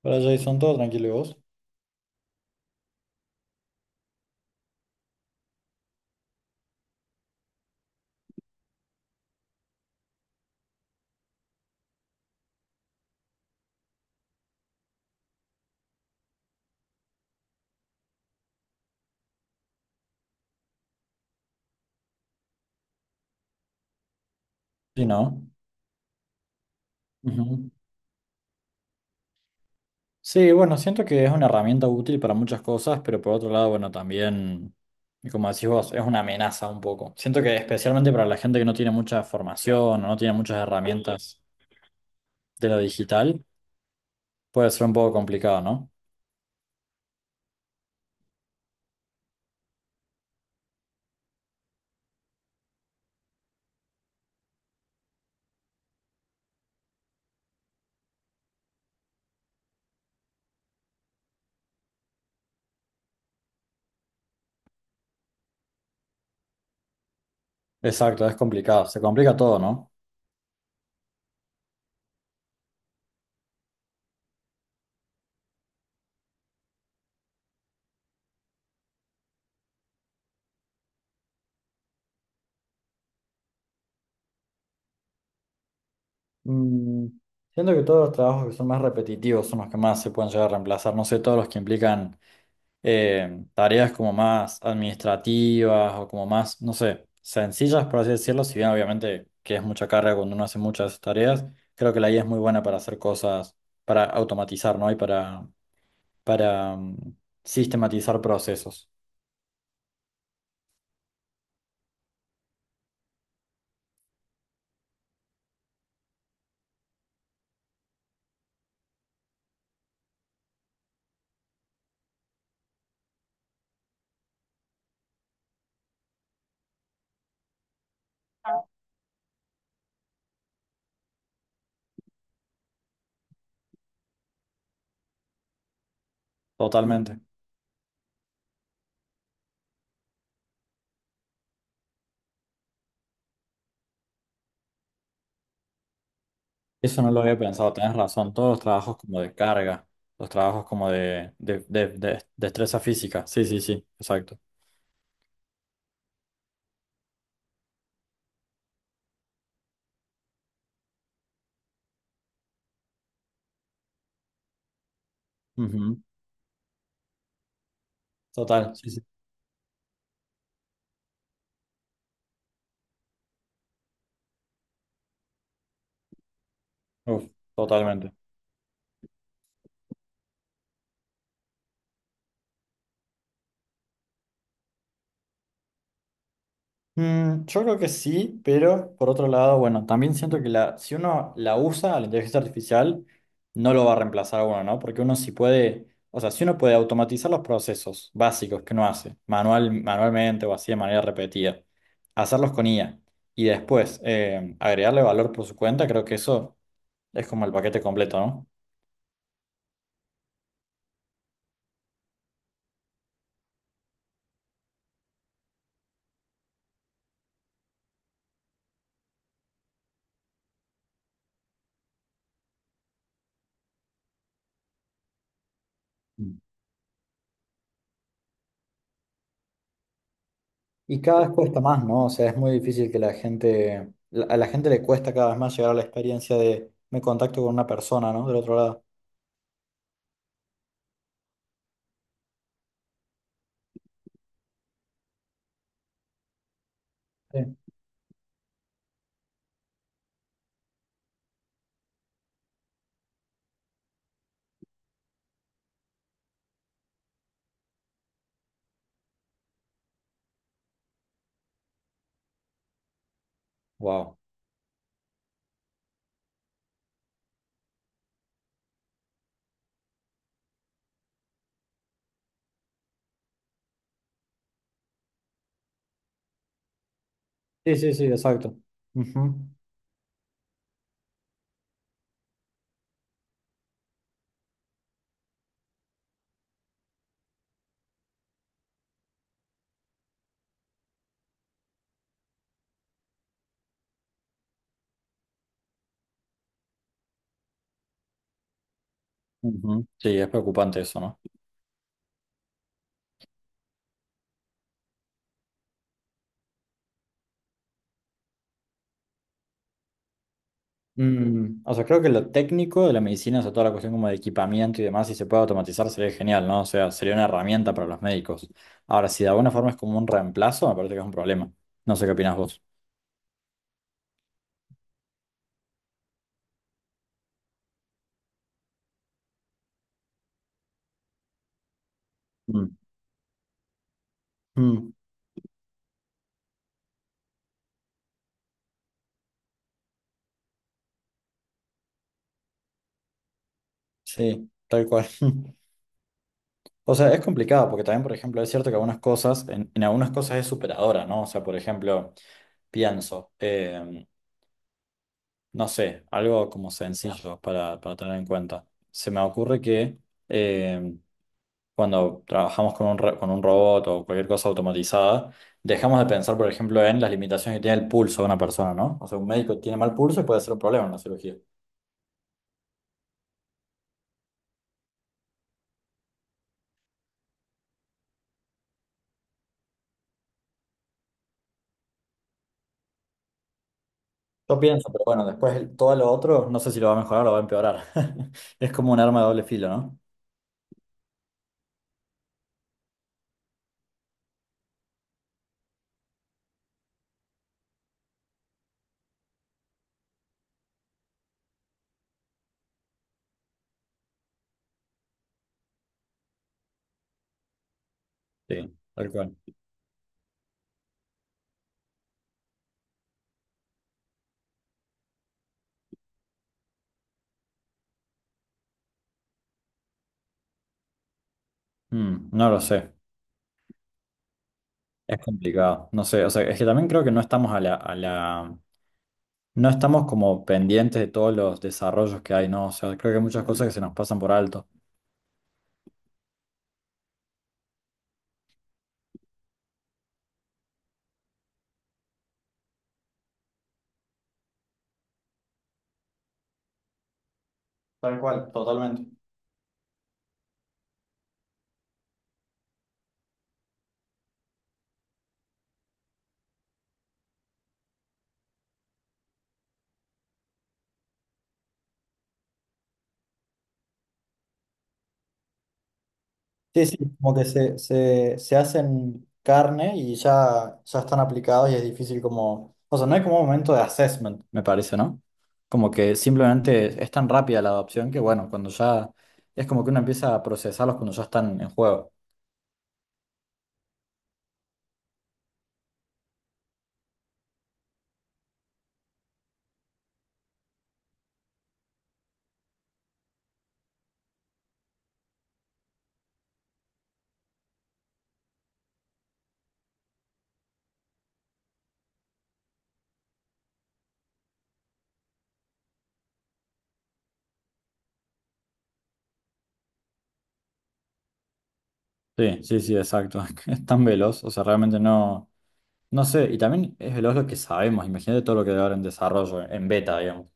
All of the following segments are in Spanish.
Para Jason, todo tranquilo, ¿y vos? Sí, ¿no? Ujú. Sí, bueno, siento que es una herramienta útil para muchas cosas, pero por otro lado, bueno, también, y como decís vos, es una amenaza un poco. Siento que especialmente para la gente que no tiene mucha formación o no tiene muchas herramientas de lo digital, puede ser un poco complicado, ¿no? Exacto, es complicado, se complica todo, ¿no? Mm, siento que todos los trabajos que son más repetitivos son los que más se pueden llegar a reemplazar, no sé, todos los que implican tareas como más administrativas o como más, no sé, sencillas, por así decirlo, si bien obviamente que es mucha carga cuando uno hace muchas tareas, creo que la IA es muy buena para hacer cosas, para automatizar, ¿no? Y para sistematizar procesos, totalmente. Eso no lo había pensado, tenés razón, todos los trabajos como de carga, los trabajos como de destreza física, sí, sí, sí, exacto. Ujú. Total, sí, sí. Uf, totalmente. Mm, yo creo que sí, pero por otro lado, bueno, también siento que si uno la usa a la inteligencia artificial, no lo va a reemplazar a uno, ¿no? Porque uno sí puede, o sea, si uno puede automatizar los procesos básicos que uno hace, manual, manualmente o así de manera repetida, hacerlos con IA y después agregarle valor por su cuenta, creo que eso es como el paquete completo, ¿no? Y cada vez cuesta más, ¿no? O sea, es muy difícil que la gente, a la gente le cuesta cada vez más llegar a la experiencia de me contacto con una persona, ¿no? Del otro lado. Sí. Wow. Sí, sí, sí, exacto. Ujú. Ujú. Sí, es preocupante eso, ¿no? Mm, o sea, creo que lo técnico de la medicina, o sea, toda la cuestión como de equipamiento y demás, si se puede automatizar sería genial, ¿no? O sea, sería una herramienta para los médicos. Ahora, si de alguna forma es como un reemplazo, me parece que es un problema. No sé qué opinas vos. Mm. Mm, sí, tal cual. O sea, es complicado porque también, por ejemplo, es cierto que algunas cosas, en algunas cosas es superadora, ¿no? O sea, por ejemplo, pienso, no sé, algo como sencillo para tener en cuenta. Se me ocurre que em, cuando trabajamos con un, con un robot o cualquier cosa automatizada, dejamos de pensar, por ejemplo, en las limitaciones que tiene el pulso de una persona, ¿no? O sea, un médico tiene mal pulso y puede ser un problema en la cirugía. Yo pienso, pero bueno, después todo lo otro, no sé si lo va a mejorar o va a empeorar. Es como un arma de doble filo, ¿no? Sí, tal cual. Mm, no lo sé, es complicado, no sé, o sea, es que también creo que no estamos no estamos como pendientes de todos los desarrollos que hay, ¿no? O sea, creo que hay muchas cosas que se nos pasan por alto. Tal cual, totalmente. Sí, sí, como que se hacen carne y ya, ya están aplicados y es difícil como, o sea, no hay como un momento de assessment, me parece, ¿no? Como que simplemente es tan rápida la adopción que bueno, cuando ya, es como que uno empieza a procesarlos cuando ya están en juego. Sí, sí, sí, exacto. Es tan veloz, o sea, realmente no, no sé. Y también es veloz lo que sabemos. Imagínate todo lo que debe haber en desarrollo, en beta, digamos.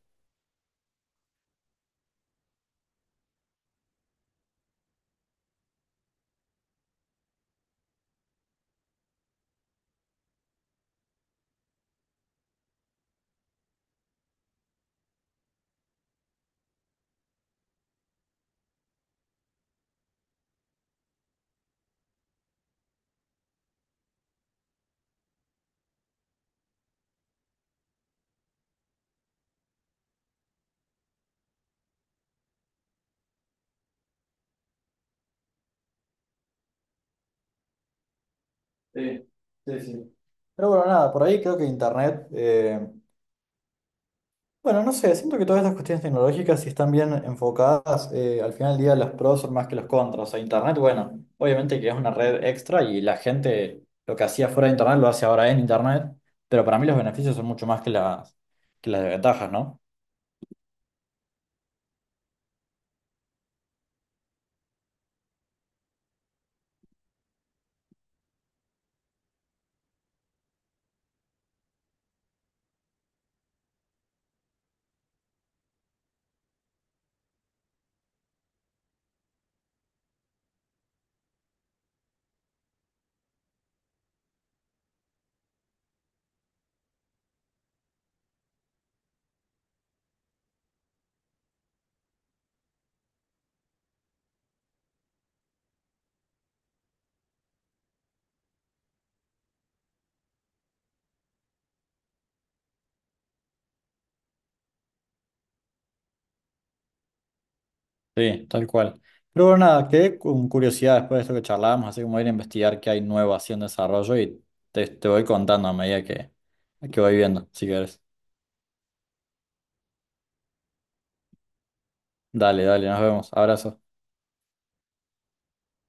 Sí, sí, sí. Pero bueno, nada, por ahí creo que Internet, bueno, no sé, siento que todas estas cuestiones tecnológicas, si están bien enfocadas, al final del día los pros son más que los contras. O sea, Internet, bueno, obviamente que es una red extra y la gente lo que hacía fuera de Internet lo hace ahora en Internet, pero para mí los beneficios son mucho más que las desventajas, ¿no? Sí, tal cual. Pero bueno, nada, quedé con curiosidad después de esto que charlábamos, así como ir a investigar qué hay nuevo así en desarrollo y te voy contando a medida que voy viendo, si querés. Dale, dale, nos vemos. Abrazo.